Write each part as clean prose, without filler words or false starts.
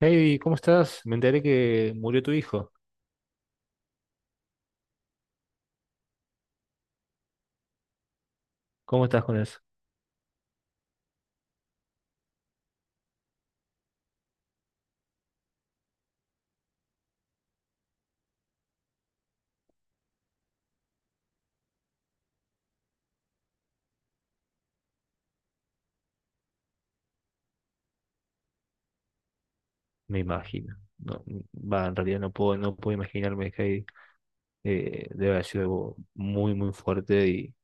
Hey, ¿cómo estás? Me enteré que murió tu hijo. ¿Cómo estás con eso? Me imagino. No, va, en realidad no puedo imaginarme que debe haber sido algo muy, muy fuerte. Y,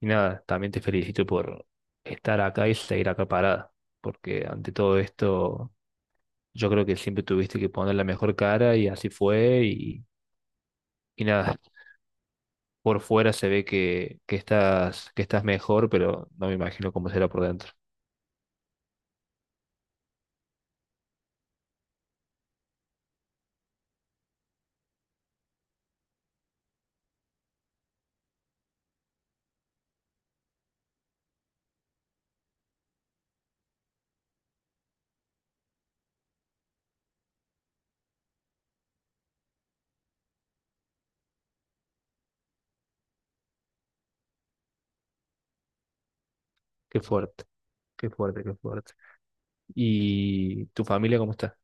y nada, también te felicito por estar acá y seguir acá parada. Porque ante todo esto, yo creo que siempre tuviste que poner la mejor cara y así fue. Y nada, por fuera se ve que estás, que estás mejor, pero no me imagino cómo será por dentro. Qué fuerte, qué fuerte, qué fuerte. ¿Y tu familia cómo está?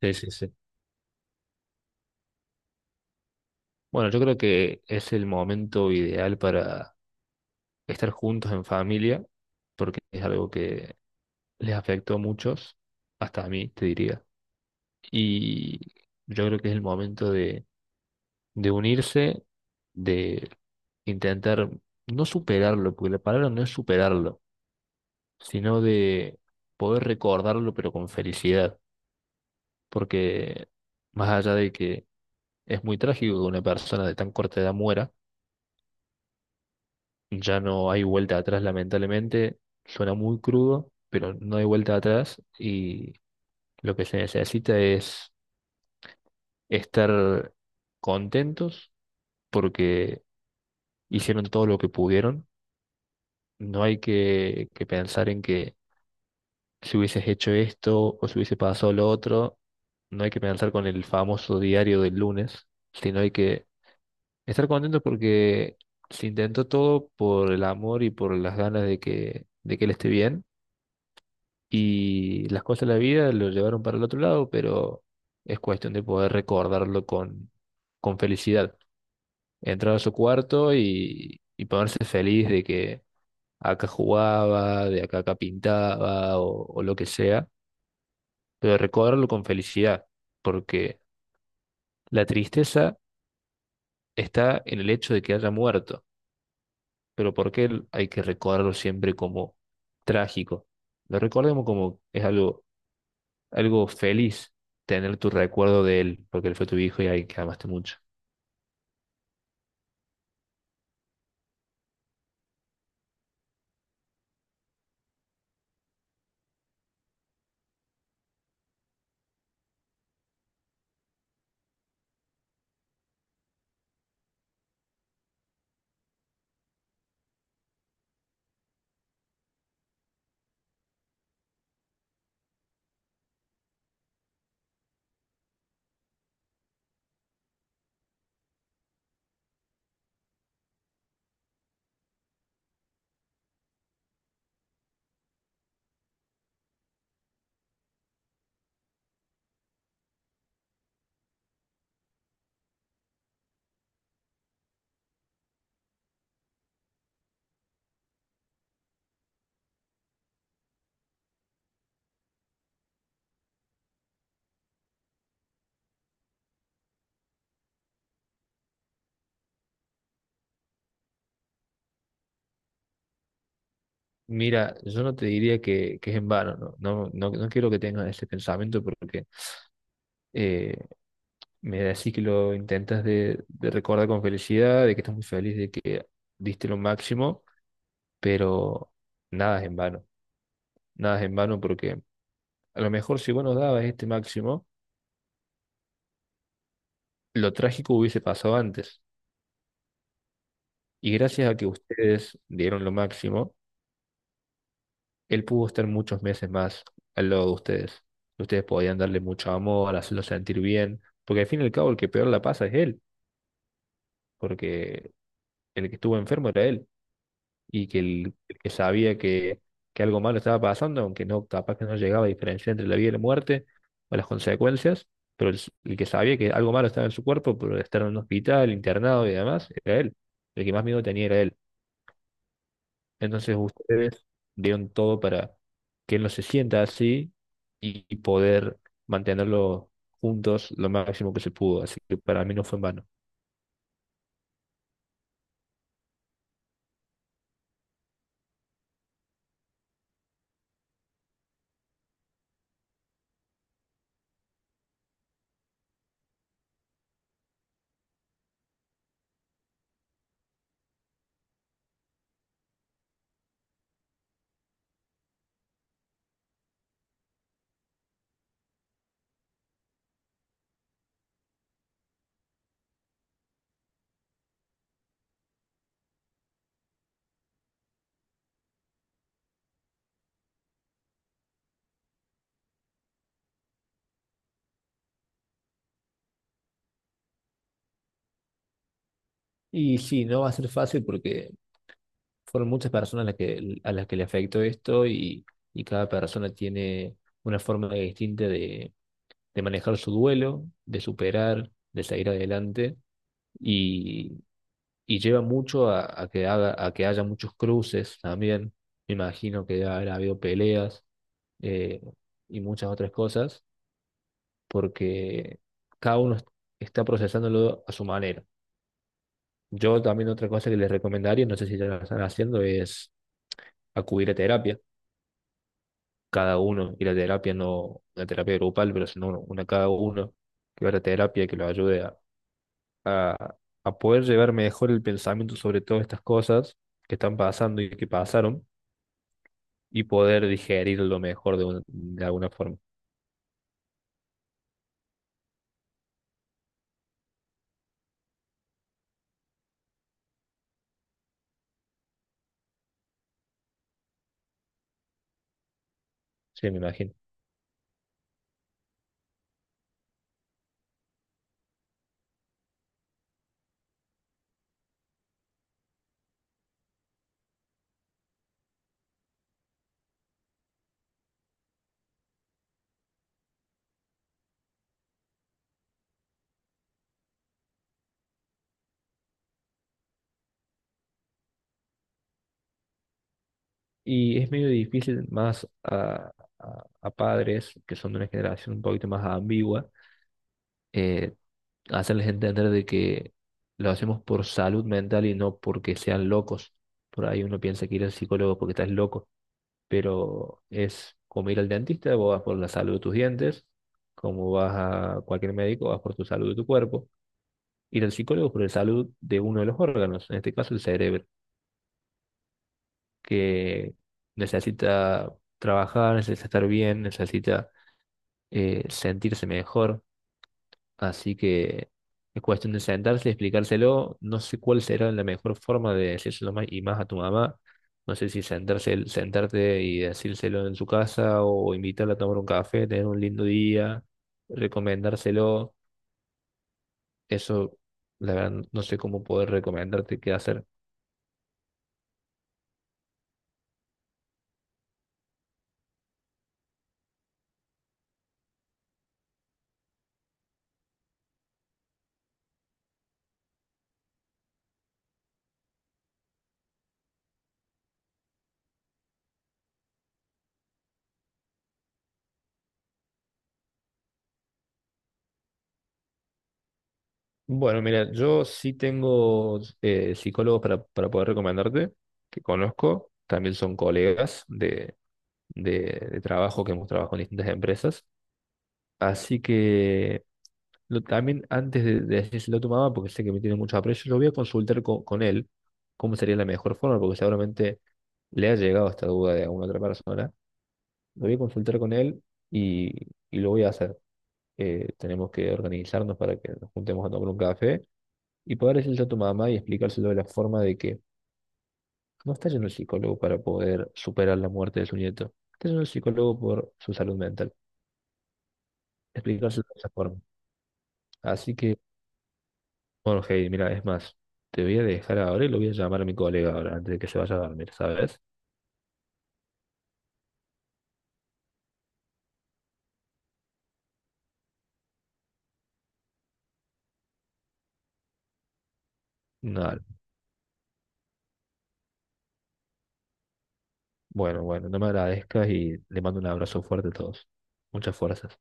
Sí, sí, sí. Bueno, yo creo que es el momento ideal para estar juntos en familia, porque es algo que les afectó a muchos, hasta a mí, te diría. Y yo creo que es el momento de unirse, de intentar no superarlo, porque la palabra no es superarlo, sino de poder recordarlo, pero con felicidad, porque más allá de que es muy trágico que una persona de tan corta edad muera, ya no hay vuelta atrás, lamentablemente. Suena muy crudo, pero no hay vuelta atrás y lo que se necesita es estar contentos porque hicieron todo lo que pudieron. No hay que pensar en que si hubieses hecho esto o si hubiese pasado lo otro, no hay que pensar con el famoso diario del lunes, sino hay que estar contentos porque se intentó todo por el amor y por las ganas de que él esté bien y las cosas de la vida lo llevaron para el otro lado, pero es cuestión de poder recordarlo con felicidad. Entrar a su cuarto y ponerse feliz de que acá jugaba, de acá pintaba o lo que sea, pero recordarlo con felicidad, porque la tristeza está en el hecho de que haya muerto, pero ¿por qué hay que recordarlo siempre como trágico? Lo recordemos como es algo feliz tener tu recuerdo de él, porque él fue tu hijo y alguien que amaste mucho. Mira, yo no te diría que es en vano, no, no, no, no quiero que tengas ese pensamiento porque eh, me decís que lo intentas de recordar con felicidad, de que estás muy feliz, de que diste lo máximo, pero nada es en vano, nada es en vano porque a lo mejor si vos no dabas este máximo, lo trágico hubiese pasado antes. Y gracias a que ustedes dieron lo máximo, él pudo estar muchos meses más al lado de ustedes. Ustedes podían darle mucho amor, hacerlo sentir bien, porque al fin y al cabo el que peor la pasa es él, porque el que estuvo enfermo era él, y que el que sabía que algo malo estaba pasando, aunque no, capaz que no llegaba a diferenciar entre la vida y la muerte o las consecuencias, pero el que sabía que algo malo estaba en su cuerpo por estar en un hospital, internado y demás, era él. El que más miedo tenía era él. Entonces ustedes dieron todo para que él no se sienta así y poder mantenerlo juntos lo máximo que se pudo. Así que para mí no fue en vano. Y sí, no va a ser fácil porque fueron muchas personas a las que le afectó esto y cada persona tiene una forma distinta de manejar su duelo, de superar, de salir adelante y, y lleva mucho a que a que haya muchos cruces también. Me imagino que ha habido peleas eh, y muchas otras cosas, porque cada uno está procesándolo a su manera. Yo también otra cosa que les recomendaría, no sé si ya lo están haciendo, es acudir a terapia, cada uno, y la terapia no, la terapia grupal, pero sino una cada uno, que vaya a terapia, que lo ayude a, a poder llevar mejor el pensamiento sobre todas estas cosas que están pasando y que pasaron, y poder digerirlo mejor de alguna forma. Sí, me imagino. Y es medio difícil más a padres que son de una generación un poquito más ambigua, eh, hacerles entender de que lo hacemos por salud mental y no porque sean locos. Por ahí uno piensa que ir al psicólogo porque estás loco, pero es como ir al dentista, vos vas por la salud de tus dientes, como vas a cualquier médico, vas por tu salud de tu cuerpo. Ir al psicólogo por la salud de uno de los órganos, en este caso el cerebro, que necesita trabajar, necesita estar bien, necesita sentirse mejor. Así que es cuestión de sentarse, y explicárselo. No sé cuál será la mejor forma de decírselo más y más a tu mamá. No sé si sentarte y decírselo en su casa o invitarla a tomar un café, tener un lindo día, recomendárselo. Eso, la verdad, no sé cómo poder recomendarte qué hacer. Bueno, mira, yo sí tengo psicólogos para poder recomendarte, que conozco, también son colegas de trabajo que hemos trabajado en distintas empresas. Así que también antes de decírselo a tu mamá, porque sé que me tiene mucho aprecio, lo voy a consultar con él cómo sería la mejor forma, porque seguramente le ha llegado esta duda de alguna otra persona. Lo voy a consultar con él y, y lo voy a hacer. Tenemos que organizarnos para que nos juntemos a tomar un café y poder decirle a tu mamá y explicárselo de la forma de que no está yendo al psicólogo para poder superar la muerte de su nieto. Está yendo al psicólogo por su salud mental. Explicárselo de esa forma. Así que, bueno, Heidi, mira, es más, te voy a dejar ahora y lo voy a llamar a mi colega ahora antes de que se vaya a dormir, ¿sabes? Nada, bueno, bueno, no me agradezcas y le mando un abrazo fuerte a todos. Muchas fuerzas.